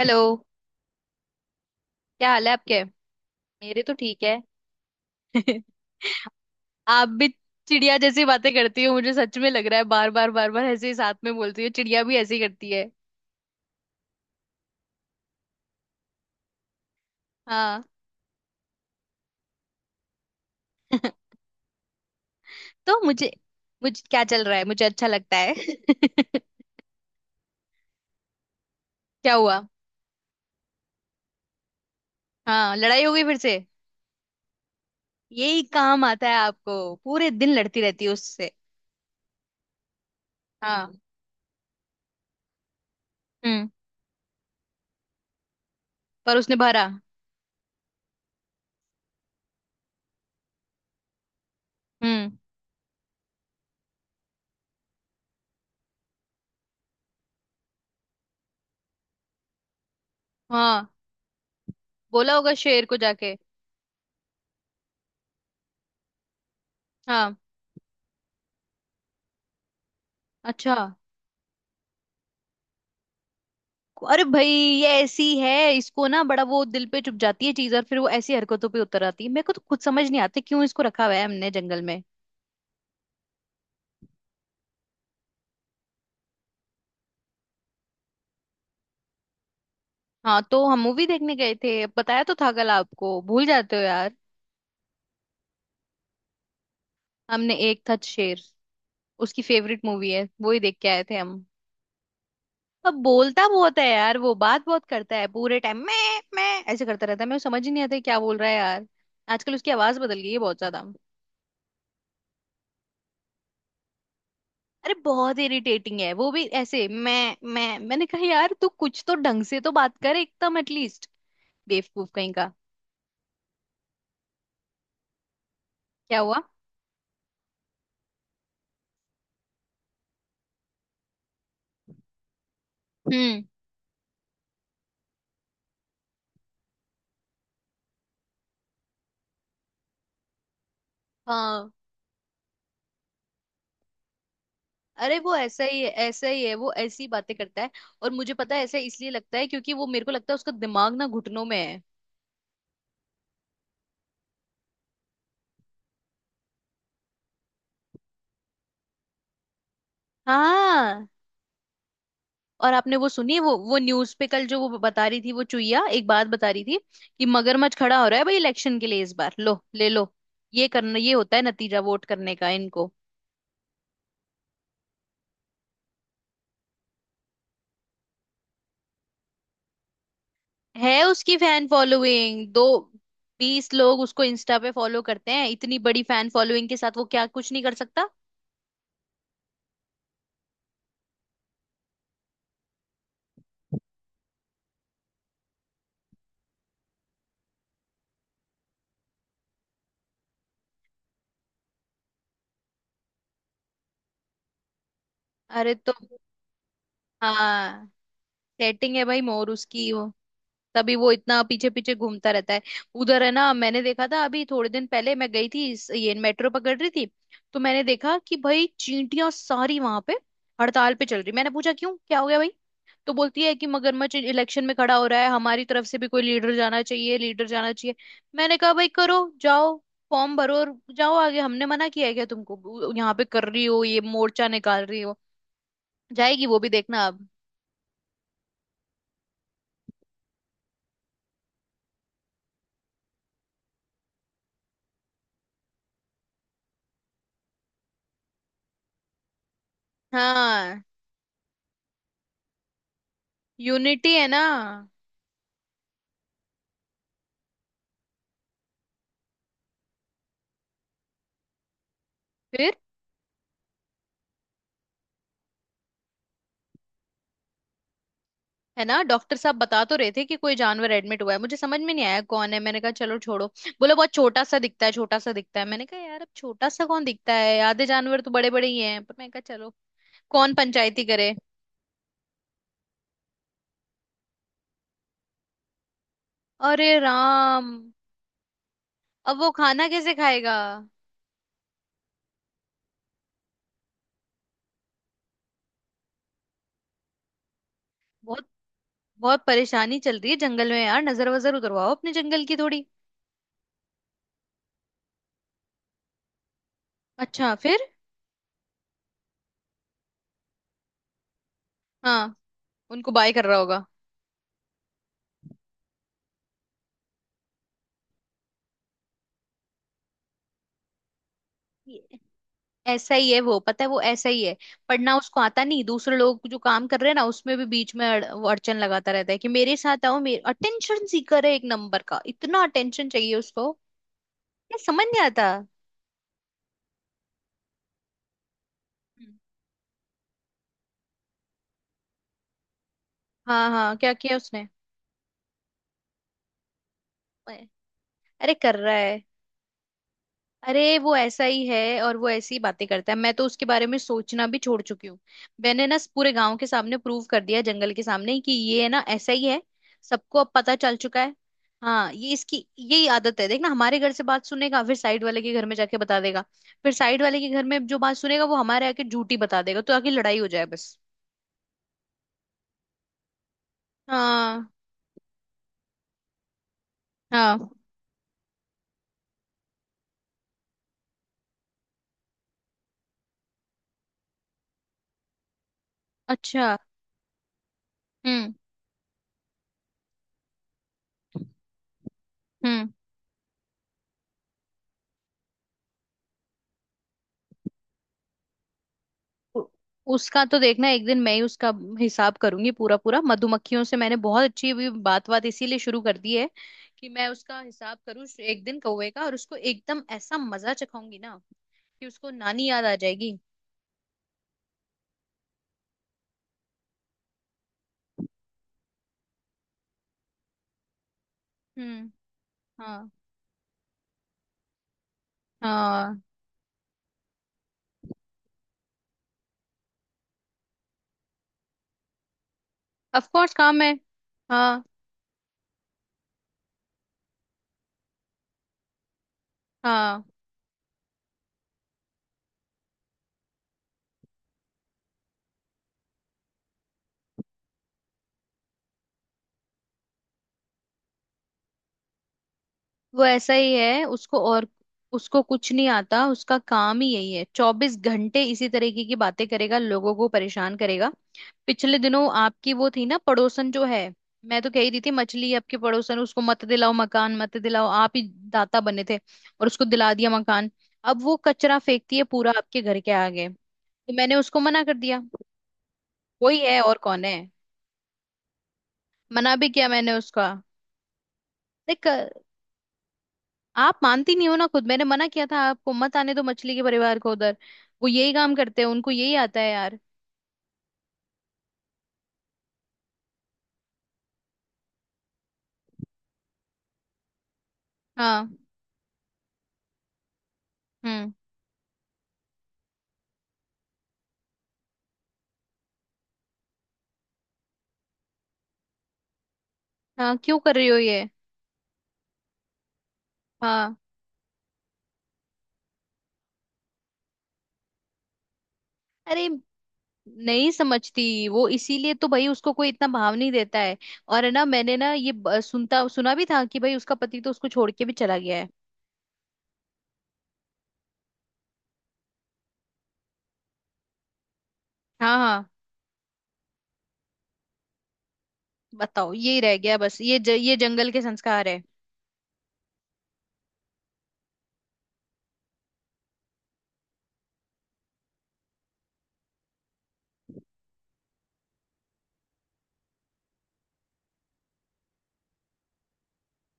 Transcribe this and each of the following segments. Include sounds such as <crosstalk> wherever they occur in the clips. Hello. क्या हाल है आपके? मेरे तो ठीक है। <laughs> आप भी चिड़िया जैसी बातें करती हो, मुझे सच में लग रहा है बार बार बार बार ऐसे ही साथ में बोलती हो, चिड़िया भी ऐसे ही करती है। हाँ। <laughs> तो मुझे मुझे क्या चल रहा है, मुझे अच्छा लगता है। <laughs> क्या हुआ? हाँ, लड़ाई हो गई फिर से। यही काम आता है आपको, पूरे दिन लड़ती रहती है उससे। हाँ। हम्म। पर उसने भरा? हम्म। हाँ, बोला होगा शेर को जाके। हाँ। अच्छा। अरे भाई, ये ऐसी है, इसको ना बड़ा वो दिल पे चुप जाती है चीज, और फिर वो ऐसी हरकतों पे उतर आती है। मेरे को तो खुद समझ नहीं आती क्यों इसको रखा हुआ है हमने जंगल में। हाँ, तो हम मूवी देखने गए थे, बताया तो था कल आपको, भूल जाते हो यार। हमने एक था शेर, उसकी फेवरेट मूवी है, वो ही देख के आए थे हम। अब बोलता बहुत है यार, वो बात बहुत करता है, पूरे टाइम मैं ऐसे करता रहता है, मेरे को समझ ही नहीं आता है क्या बोल रहा है यार। आजकल उसकी आवाज बदल गई है बहुत ज्यादा। अरे बहुत इरिटेटिंग है, वो भी ऐसे मैं मैंने कहा यार तू कुछ तो ढंग से तो बात कर एकदम एटलीस्ट। बेवकूफ कहीं का। क्या हुआ? हम्म। हाँ। अरे, वो ऐसा ही है, ऐसा ही है, वो ऐसी ही बातें करता है। और मुझे पता है ऐसा इसलिए लगता है क्योंकि वो, मेरे को लगता है, उसका दिमाग ना घुटनों में है। हाँ। और आपने वो सुनी है, वो न्यूज पे कल जो वो बता रही थी, वो चुईया एक बात बता रही थी कि मगरमच्छ खड़ा हो रहा है भाई इलेक्शन के लिए इस बार, लो ले लो। ये करना, ये होता है नतीजा वोट करने का इनको। है उसकी फैन फॉलोइंग दो, बीस लोग उसको इंस्टा पे फॉलो करते हैं, इतनी बड़ी फैन फॉलोइंग के साथ वो क्या कुछ नहीं कर सकता। अरे तो। हाँ। सेटिंग है भाई, मोर उसकी वो, तभी वो इतना पीछे पीछे घूमता रहता है। उधर है ना, मैंने देखा था अभी थोड़े दिन पहले, मैं गई थी, ये मेट्रो पकड़ रही थी, तो मैंने देखा कि भाई चींटियां सारी वहां पे हड़ताल पे चल रही। मैंने पूछा क्यों, क्या हो गया भाई? तो बोलती है कि मगरमच्छ इलेक्शन में खड़ा हो रहा है, हमारी तरफ से भी कोई लीडर जाना चाहिए, लीडर जाना चाहिए। मैंने कहा भाई करो, जाओ फॉर्म भरो और जाओ आगे, हमने मना किया है क्या तुमको, यहाँ पे कर रही हो ये मोर्चा निकाल रही हो। जाएगी वो भी, देखना अब। हाँ। यूनिटी है ना। फिर? है ना। डॉक्टर साहब बता तो रहे थे कि कोई जानवर एडमिट हुआ है, मुझे समझ में नहीं आया कौन है, मैंने कहा चलो छोड़ो। बोले बहुत छोटा सा दिखता है, छोटा सा दिखता है। मैंने कहा यार अब छोटा सा कौन दिखता है, आधे जानवर तो बड़े बड़े ही हैं, पर मैंने कहा चलो, कौन पंचायती करे। अरे राम, अब वो खाना कैसे खाएगा। बहुत बहुत परेशानी चल रही है जंगल में यार, नजर वजर उतरवाओ अपने जंगल की थोड़ी। अच्छा फिर? हाँ। उनको बाय कर रहा होगा। ऐसा ही है वो, पता है, वो ऐसा ही है। पढ़ना उसको आता नहीं, दूसरे लोग जो काम कर रहे हैं ना उसमें भी बीच में वो अड़चन लगाता रहता है कि मेरे साथ आओ, मेरे अटेंशन सीकर है एक नंबर का, इतना अटेंशन चाहिए उसको। ये समझ नहीं आता। हम्म। हाँ हाँ, क्या किया उसने? अरे कर रहा है। अरे वो ऐसा ही है और वो ऐसी ही बातें करता है, मैं तो उसके बारे में सोचना भी छोड़ चुकी हूँ। मैंने ना पूरे गांव के सामने प्रूव कर दिया, जंगल के सामने कि ये है ना ऐसा ही है। सबको अब पता चल चुका है। हाँ, ये इसकी यही आदत है, देखना हमारे घर से बात सुनेगा फिर साइड वाले के घर में जाके बता देगा। फिर साइड वाले के घर में जो बात सुनेगा वो हमारे आके झूठी बता देगा, तो आके लड़ाई हो जाए बस। हाँ। हाँ। अच्छा। हम्म। हम्म। उ- उसका तो देखना, एक दिन मैं ही उसका हिसाब करूंगी पूरा पूरा, मधुमक्खियों से मैंने बहुत अच्छी अभी बात बात इसीलिए शुरू कर दी है कि मैं उसका हिसाब करूँ एक दिन कौवे का, और उसको एकदम ऐसा मजा चखाऊंगी ना कि उसको नानी याद आ जाएगी। हम्म। हाँ। हाँ। ऑफ कोर्स काम है। हाँ। हाँ। वो ऐसा ही है उसको, और उसको कुछ नहीं आता, उसका काम ही यही है, चौबीस घंटे इसी तरीके की बातें करेगा, लोगों को परेशान करेगा। पिछले दिनों आपकी वो थी ना पड़ोसन जो है, मैं तो कह ही रही थी मछली है आपके पड़ोसन, उसको मत दिलाओ मकान, मत दिलाओ, आप ही दाता बने थे और उसको दिला दिया मकान। अब वो कचरा फेंकती है पूरा आपके घर के आगे, तो मैंने उसको मना कर दिया। वही है, और कौन है। मना भी किया मैंने उसका, देख आप मानती नहीं हो ना खुद, मैंने मना किया था आपको, मत आने दो मछली के परिवार को उधर, वो यही काम करते हैं, उनको यही आता है यार। हाँ। हम्म। हाँ, क्यों कर रही हो ये? हाँ। अरे नहीं समझती, वो इसीलिए तो भाई उसको कोई इतना भाव नहीं देता है। और है ना, मैंने ना ये सुनता सुना भी था कि भाई उसका पति तो उसको छोड़ के भी चला गया है। हाँ हाँ। बताओ, ये रह गया बस, ये ये जंगल के संस्कार है।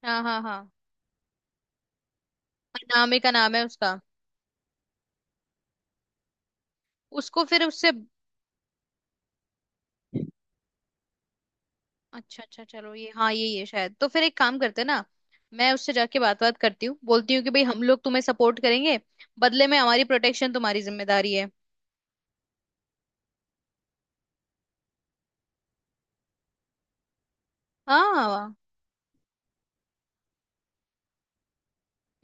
हाँ हाँ हाँ। अनामे का नाम है उसका। उसको फिर उससे। अच्छा अच्छा, चलो ये, हाँ, ये शायद, तो फिर एक काम करते हैं ना, मैं उससे जाके बात बात करती हूँ, बोलती हूँ कि भाई हम लोग तुम्हें सपोर्ट करेंगे, बदले में हमारी प्रोटेक्शन तुम्हारी जिम्मेदारी है। हाँ।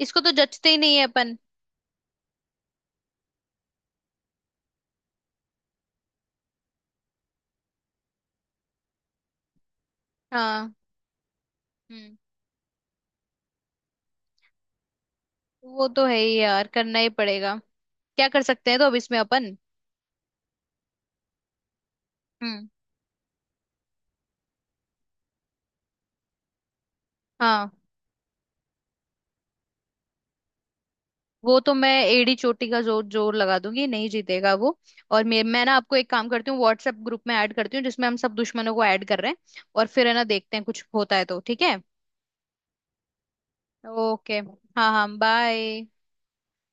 इसको तो जचते ही नहीं है अपन। हाँ। हम्म। वो तो है ही यार, करना ही पड़ेगा। क्या कर सकते हैं तो अब इसमें अपन। हम्म। हाँ, वो तो मैं एड़ी चोटी का जोर जोर लगा दूंगी, नहीं जीतेगा वो। और मैं ना आपको एक काम करती हूँ, व्हाट्सएप ग्रुप में ऐड करती हूँ जिसमें हम सब दुश्मनों को ऐड कर रहे हैं। और फिर है ना देखते हैं, कुछ होता है तो ठीक है। ओके। हाँ हाँ, बाय।